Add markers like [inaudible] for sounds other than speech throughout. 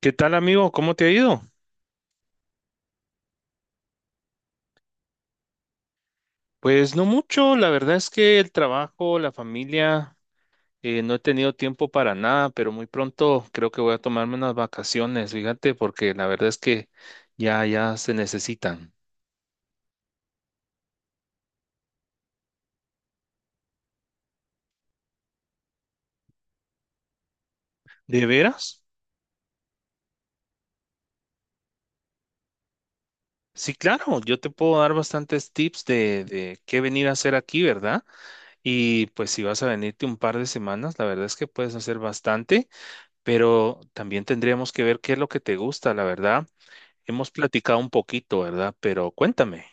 ¿Qué tal, amigo? ¿Cómo te ha ido? Pues no mucho, la verdad es que el trabajo, la familia, no he tenido tiempo para nada, pero muy pronto creo que voy a tomarme unas vacaciones, fíjate, porque la verdad es que ya, ya se necesitan. ¿De veras? Sí, claro, yo te puedo dar bastantes tips de qué venir a hacer aquí, ¿verdad? Y pues si vas a venirte un par de semanas, la verdad es que puedes hacer bastante, pero también tendríamos que ver qué es lo que te gusta, la verdad. Hemos platicado un poquito, ¿verdad? Pero cuéntame.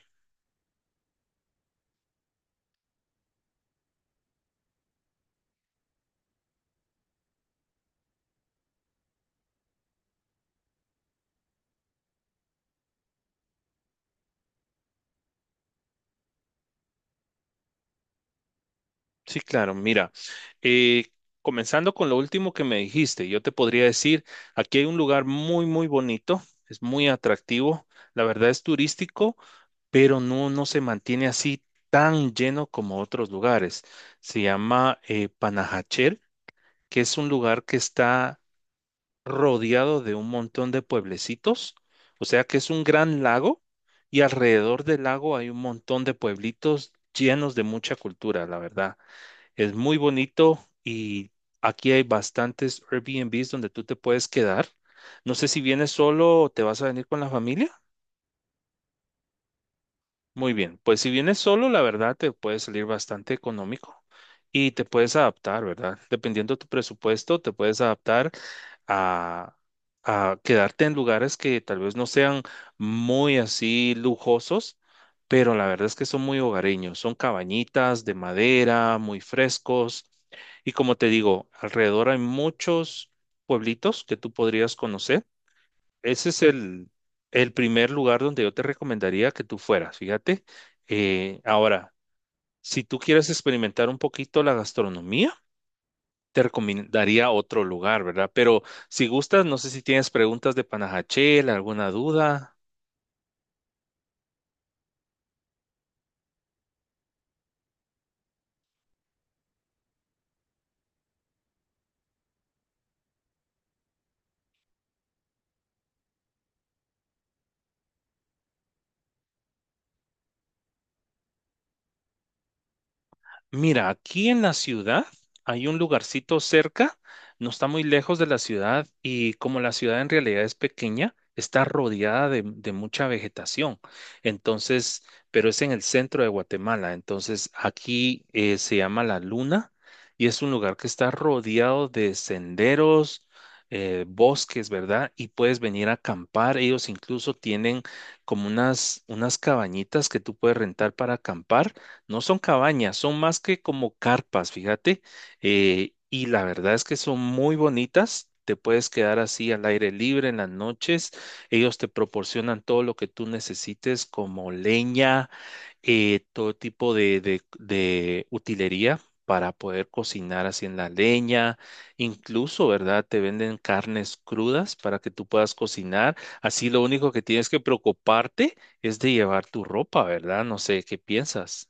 Sí, claro, mira, eh, comenzando con lo último que me dijiste, yo te podría decir, aquí hay un lugar muy, muy bonito, es muy atractivo, la verdad es turístico, pero no, no se mantiene así tan lleno como otros lugares. Se llama Panajachel, que es un lugar que está rodeado de un montón de pueblecitos, o sea que es un gran lago y alrededor del lago hay un montón de pueblitos llenos de mucha cultura, la verdad. Es muy bonito y aquí hay bastantes Airbnbs donde tú te puedes quedar. No sé si vienes solo o te vas a venir con la familia. Muy bien, pues si vienes solo, la verdad te puede salir bastante económico y te puedes adaptar, ¿verdad? Dependiendo de tu presupuesto, te puedes adaptar a, a quedarte en lugares que tal vez no sean muy así lujosos, pero la verdad es que son muy hogareños, son cabañitas de madera, muy frescos. Y como te digo, alrededor hay muchos pueblitos que tú podrías conocer. Ese es el primer lugar donde yo te recomendaría que tú fueras, fíjate. Ahora, si tú quieres experimentar un poquito la gastronomía, te recomendaría otro lugar, ¿verdad? Pero si gustas, no sé si tienes preguntas de Panajachel, alguna duda. Mira, aquí en la ciudad hay un lugarcito cerca, no está muy lejos de la ciudad y como la ciudad en realidad es pequeña, está rodeada de mucha vegetación. Entonces, pero es en el centro de Guatemala. Entonces, aquí se llama La Luna y es un lugar que está rodeado de senderos, bosques, ¿verdad? Y puedes venir a acampar. Ellos incluso tienen como unas cabañitas que tú puedes rentar para acampar no son cabañas, son más que como carpas, fíjate. Y la verdad es que son muy bonitas. Te puedes quedar así al aire libre en las noches. Ellos te proporcionan todo lo que tú necesites, como leña, todo tipo de utilería para poder cocinar así en la leña. Incluso, ¿verdad? Te venden carnes crudas para que tú puedas cocinar. Así lo único que tienes que preocuparte es de llevar tu ropa, ¿verdad? No sé qué piensas.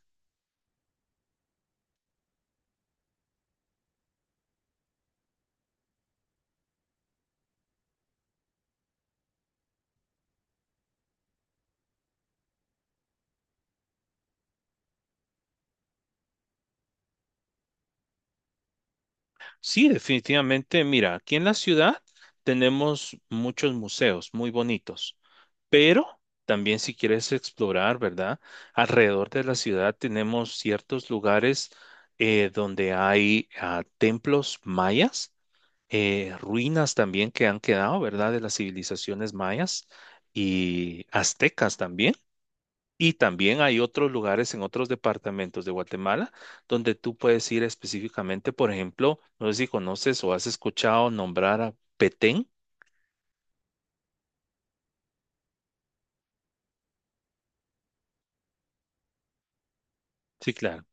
Sí, definitivamente. Mira, aquí en la ciudad tenemos muchos museos muy bonitos, pero también si quieres explorar, ¿verdad? Alrededor de la ciudad tenemos ciertos lugares donde hay templos mayas, ruinas también que han quedado, ¿verdad? De las civilizaciones mayas y aztecas también. Y también hay otros lugares en otros departamentos de Guatemala donde tú puedes ir específicamente, por ejemplo, no sé si conoces o has escuchado nombrar a Petén. Sí, claro,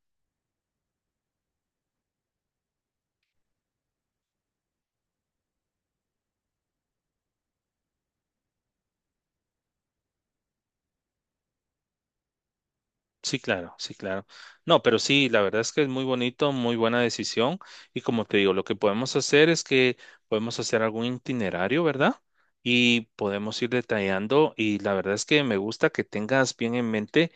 sí, claro, sí, claro. No, pero sí, la verdad es que es muy bonito, muy buena decisión. Y como te digo, lo que podemos hacer es que podemos hacer algún itinerario, ¿verdad? Y podemos ir detallando. Y la verdad es que me gusta que tengas bien en mente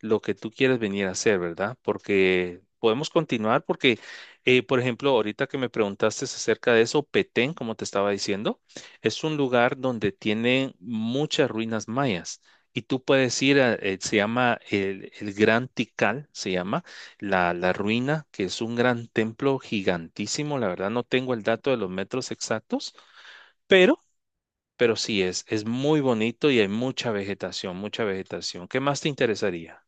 lo que tú quieres venir a hacer, ¿verdad? Porque podemos continuar porque, por ejemplo, ahorita que me preguntaste acerca de eso, Petén, como te estaba diciendo, es un lugar donde tienen muchas ruinas mayas. Y tú puedes ir, se llama el Gran Tikal, se llama la ruina, que es un gran templo gigantísimo. La verdad no tengo el dato de los metros exactos, pero, pero sí es muy bonito y hay mucha vegetación, mucha vegetación. ¿Qué más te interesaría?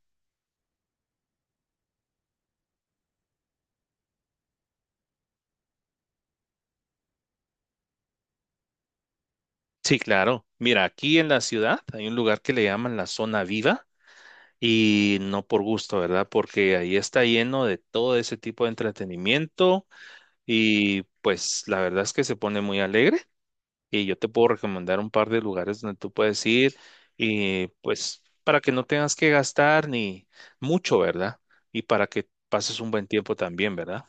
Sí, claro. Mira, aquí en la ciudad hay un lugar que le llaman la zona viva y no por gusto, ¿verdad? Porque ahí está lleno de todo ese tipo de entretenimiento y pues la verdad es que se pone muy alegre y yo te puedo recomendar un par de lugares donde tú puedes ir y pues para que no tengas que gastar ni mucho, ¿verdad? Y para que pases un buen tiempo también, ¿verdad?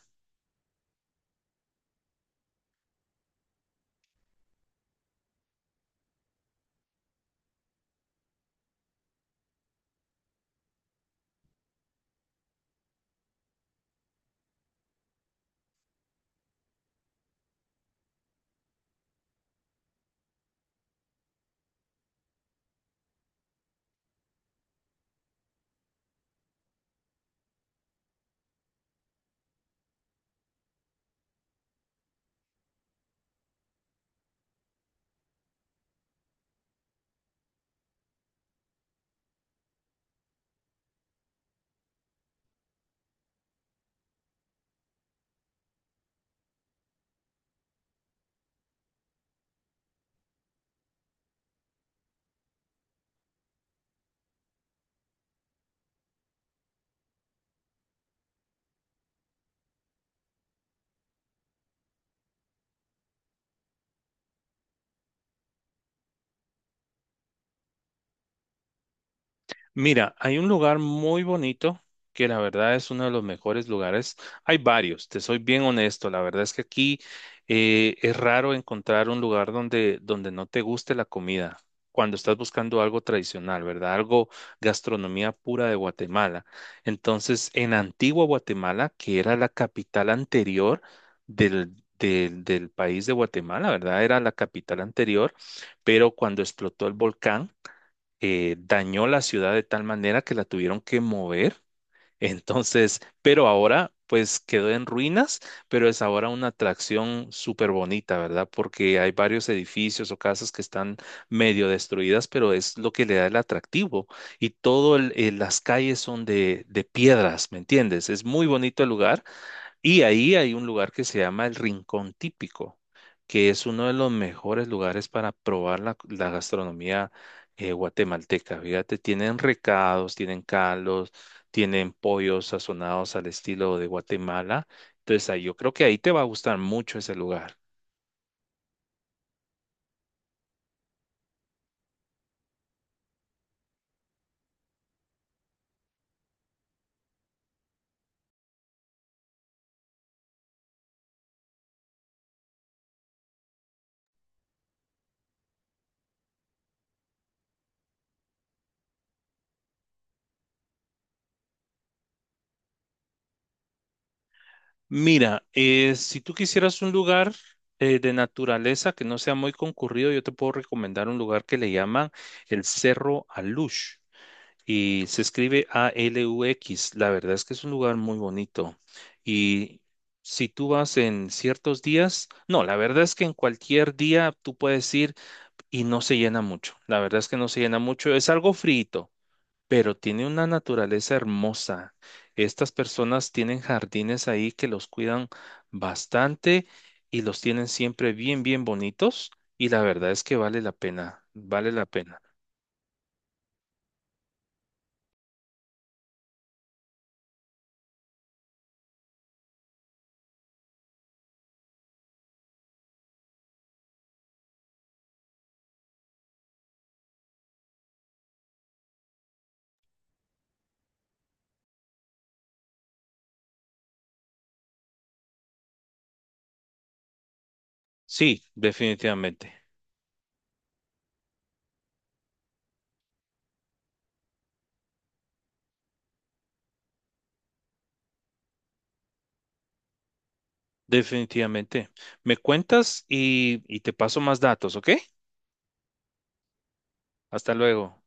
Mira, hay un lugar muy bonito que la verdad es uno de los mejores lugares. Hay varios, te soy bien honesto. La verdad es que aquí es raro encontrar un lugar donde, donde no te guste la comida. Cuando estás buscando algo tradicional, ¿verdad? Algo gastronomía pura de Guatemala. Entonces, en Antigua Guatemala, que era la capital anterior del país de Guatemala, ¿verdad? Era la capital anterior, pero cuando explotó el volcán dañó la ciudad de tal manera que la tuvieron que mover. [laughs] Entonces, pero ahora pues quedó en ruinas, pero es ahora una atracción súper bonita, ¿verdad? Porque hay varios edificios o casas que están medio destruidas, pero es lo que le da el atractivo. Y las calles son de piedras, ¿me entiendes? Es muy bonito el lugar y ahí hay un lugar que se llama el Rincón Típico, que es uno de los mejores lugares para probar la gastronomía guatemalteca. Fíjate, tienen recados, tienen caldos, tienen pollos sazonados al estilo de Guatemala. Entonces, ahí, yo creo que ahí te va a gustar mucho ese lugar. Mira, si tú quisieras un lugar de naturaleza que no sea muy concurrido, yo te puedo recomendar un lugar que le llaman el Cerro Alush. Y se escribe a Alux. La verdad es que es un lugar muy bonito. Y si tú vas en ciertos días, no, la verdad es que en cualquier día tú puedes ir y no se llena mucho. La verdad es que no se llena mucho. Es algo frito, pero tiene una naturaleza hermosa. Estas personas tienen jardines ahí que los cuidan bastante y los tienen siempre bien, bien bonitos. Y la verdad es que vale la pena, vale la pena. Sí, definitivamente. Definitivamente. Me cuentas y te paso más datos, ¿ok? Hasta luego.